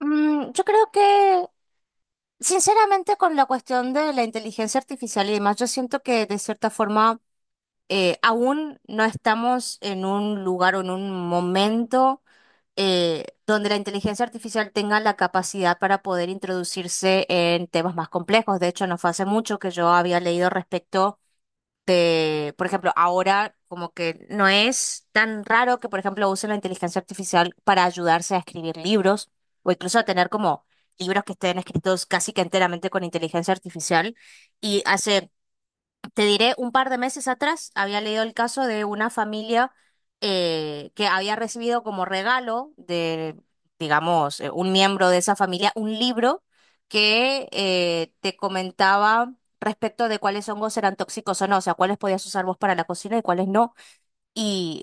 Yo creo que, sinceramente, con la cuestión de la inteligencia artificial y demás, yo siento que de cierta forma aún no estamos en un lugar o en un momento donde la inteligencia artificial tenga la capacidad para poder introducirse en temas más complejos. De hecho, no fue hace mucho que yo había leído respecto de, por ejemplo, ahora como que no es tan raro que, por ejemplo, usen la inteligencia artificial para ayudarse a escribir libros o incluso a tener como libros que estén escritos casi que enteramente con inteligencia artificial y hace te diré, un par de meses atrás había leído el caso de una familia que había recibido como regalo de, digamos, un miembro de esa familia, un libro que te comentaba respecto de cuáles hongos eran tóxicos o no, o sea, cuáles podías usar vos para la cocina y cuáles no. Y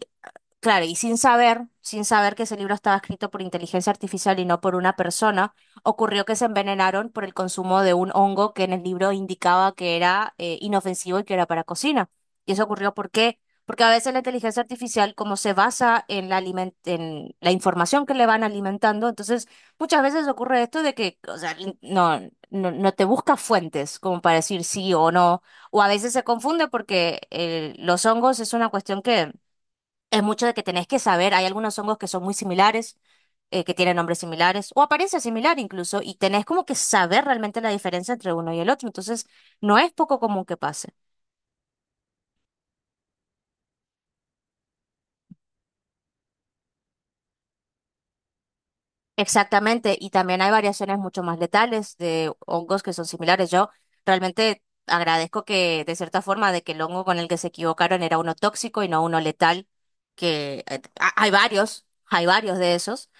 claro, y sin saber que ese libro estaba escrito por inteligencia artificial y no por una persona, ocurrió que se envenenaron por el consumo de un hongo que en el libro indicaba que era inofensivo y que era para cocina. Y eso ocurrió, ¿por qué? Porque a veces la inteligencia artificial, como se basa en la en la información que le van alimentando, entonces muchas veces ocurre esto de que, o sea, no, no te busca fuentes como para decir sí o no, o a veces se confunde porque los hongos es una cuestión que es mucho de que tenés que saber, hay algunos hongos que son muy similares, que tienen nombres similares o apariencia similar incluso, y tenés como que saber realmente la diferencia entre uno y el otro. Entonces, no es poco común que pase. Exactamente, y también hay variaciones mucho más letales de hongos que son similares. Yo realmente agradezco que, de cierta forma, de que el hongo con el que se equivocaron era uno tóxico y no uno letal, que hay varios de esos.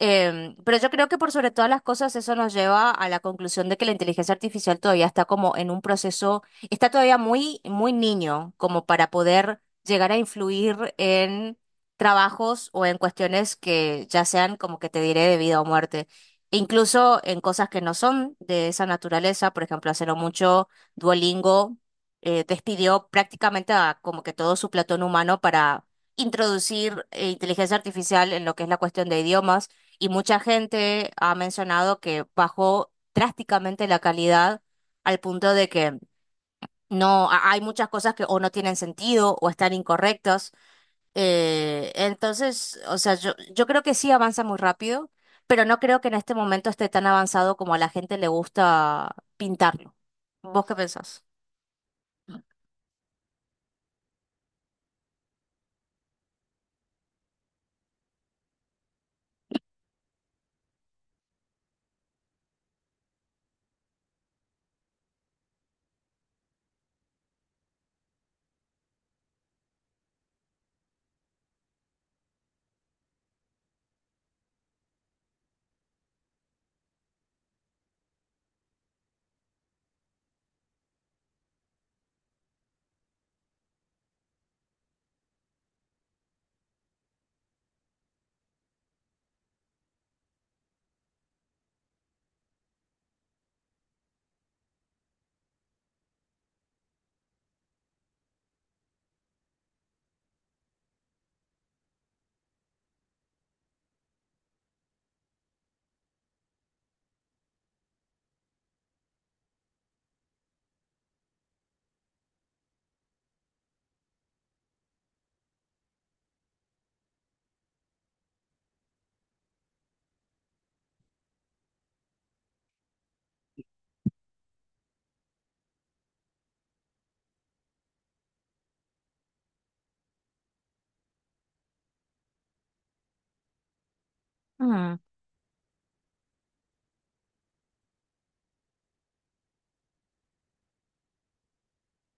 Pero yo creo que por sobre todas las cosas eso nos lleva a la conclusión de que la inteligencia artificial todavía está como en un proceso, está todavía muy, muy niño como para poder llegar a influir en trabajos o en cuestiones que ya sean como que te diré de vida o muerte. E incluso en cosas que no son de esa naturaleza, por ejemplo, hace no mucho Duolingo despidió prácticamente a como que todo su platón humano para introducir inteligencia artificial en lo que es la cuestión de idiomas y mucha gente ha mencionado que bajó drásticamente la calidad al punto de que no, hay muchas cosas que o no tienen sentido o están incorrectas. Entonces, o sea, yo creo que sí avanza muy rápido, pero no creo que en este momento esté tan avanzado como a la gente le gusta pintarlo. ¿Vos qué pensás?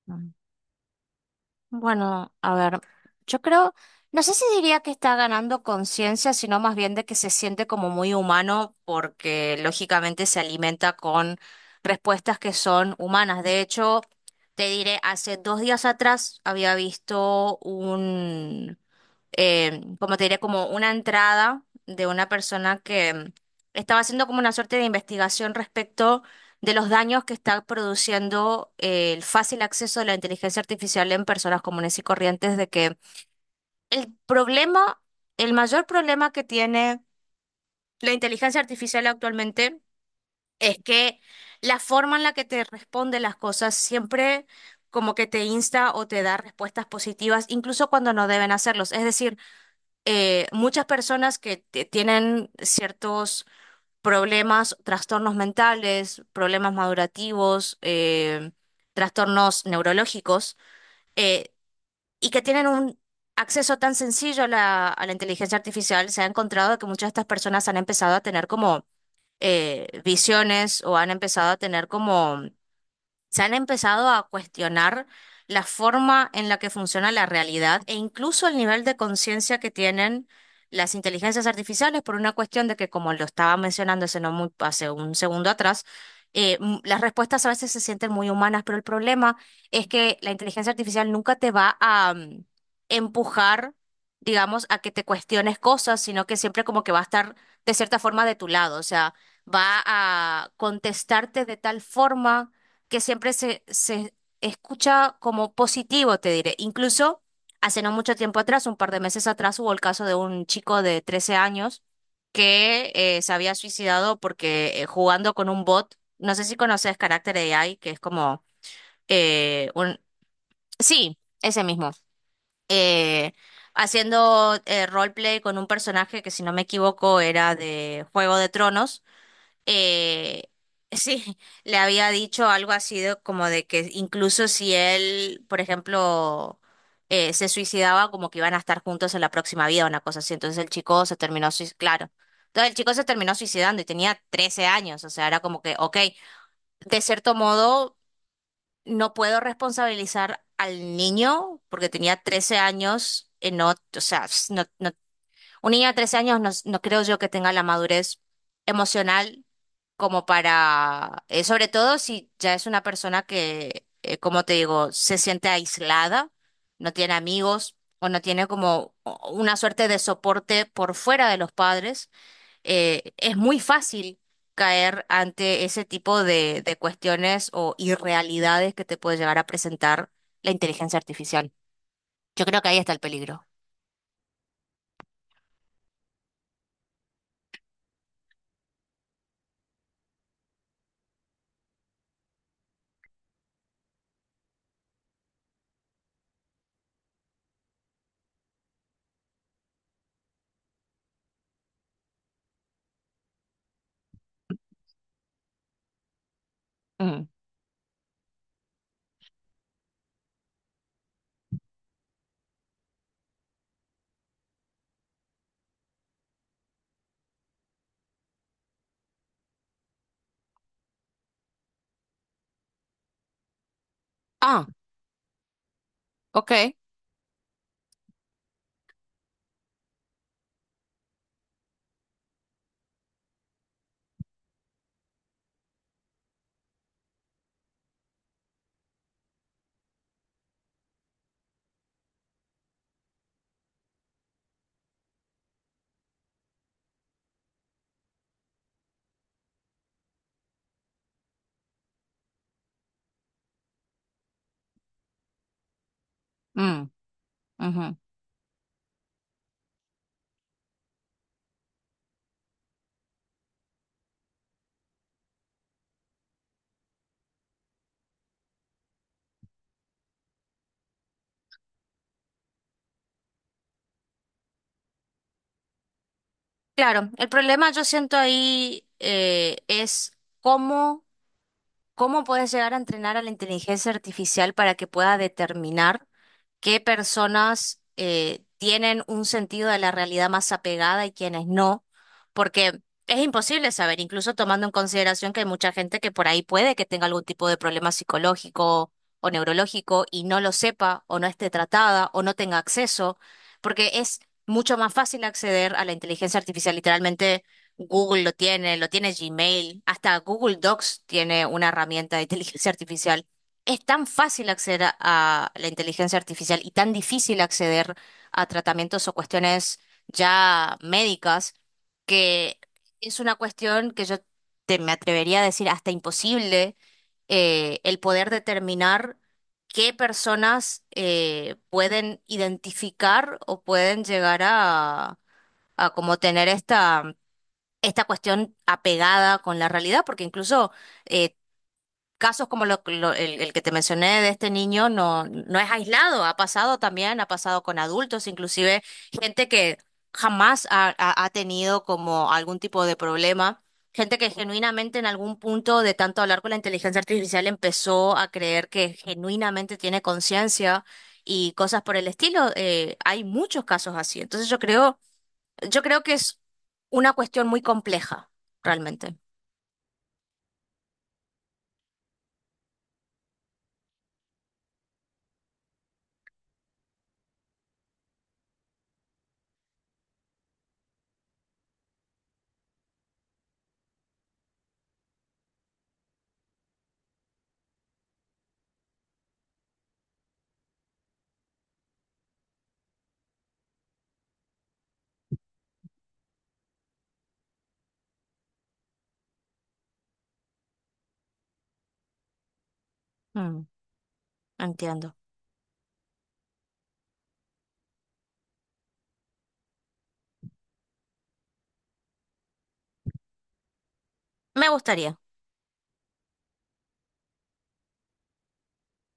Mm. Bueno, a ver, yo creo, no sé si diría que está ganando conciencia, sino más bien de que se siente como muy humano porque lógicamente se alimenta con respuestas que son humanas. De hecho, te diré, hace dos días atrás había visto un, como te diré, como una entrada de una persona que estaba haciendo como una suerte de investigación respecto de los daños que está produciendo el fácil acceso de la inteligencia artificial en personas comunes y corrientes, de que el problema, el mayor problema que tiene la inteligencia artificial actualmente es que la forma en la que te responde las cosas siempre como que te insta o te da respuestas positivas, incluso cuando no deben hacerlos. Es decir, muchas personas que tienen ciertos problemas, trastornos mentales, problemas madurativos, trastornos neurológicos, eh, y que tienen un acceso tan sencillo a la inteligencia artificial, se ha encontrado que muchas de estas personas han empezado a tener como visiones o han empezado a tener como se han empezado a cuestionar la forma en la que funciona la realidad e incluso el nivel de conciencia que tienen las inteligencias artificiales por una cuestión de que, como lo estaba mencionando hace, no muy, hace un segundo atrás, las respuestas a veces se sienten muy humanas, pero el problema es que la inteligencia artificial nunca te va a empujar, digamos, a que te cuestiones cosas, sino que siempre como que va a estar de cierta forma de tu lado, o sea, va a contestarte de tal forma que siempre se escucha como positivo, te diré. Incluso hace no mucho tiempo atrás, un par de meses atrás, hubo el caso de un chico de 13 años que se había suicidado porque jugando con un bot, no sé si conoces Character AI, que es como un... Sí, ese mismo. Eh, haciendo roleplay con un personaje que, si no me equivoco, era de Juego de Tronos eh, sí, le había dicho algo así de, como de que incluso si él, por ejemplo, se suicidaba, como que iban a estar juntos en la próxima vida, una cosa así. Entonces el chico se terminó, claro. Entonces el chico se terminó suicidando y tenía 13 años, o sea, era como que, ok, de cierto modo no puedo responsabilizar al niño porque tenía 13 años, no, o sea, un niño de 13 años no, no creo yo que tenga la madurez emocional como para, sobre todo si ya es una persona que, como te digo, se siente aislada, no tiene amigos o no tiene como una suerte de soporte por fuera de los padres, es muy fácil caer ante ese tipo de cuestiones o irrealidades que te puede llegar a presentar la inteligencia artificial. Yo creo que ahí está el peligro. Mm. Ah, ok. Mm, ujú. Claro, el problema yo siento ahí es cómo... ¿Cómo puedes llegar a entrenar a la inteligencia artificial para que pueda determinar qué personas tienen un sentido de la realidad más apegada y quiénes no? Porque es imposible saber, incluso tomando en consideración que hay mucha gente que por ahí puede que tenga algún tipo de problema psicológico o neurológico y no lo sepa o no esté tratada o no tenga acceso, porque es mucho más fácil acceder a la inteligencia artificial literalmente Google lo tiene Gmail, hasta Google Docs tiene una herramienta de inteligencia artificial. Es tan fácil acceder a la inteligencia artificial y tan difícil acceder a tratamientos o cuestiones ya médicas que es una cuestión que yo me atrevería a decir hasta imposible el poder determinar qué personas pueden identificar o pueden llegar a como tener esta esta cuestión apegada con la realidad, porque incluso eh, casos como el que te mencioné de este niño no, no es aislado, ha pasado también, ha pasado con adultos, inclusive gente que jamás ha tenido como algún tipo de problema. Gente que genuinamente en algún punto de tanto hablar con la inteligencia artificial empezó a creer que genuinamente tiene conciencia y cosas por el estilo. Hay muchos casos así. Entonces yo creo que es una cuestión muy compleja, realmente. Mm, entiendo. Me gustaría.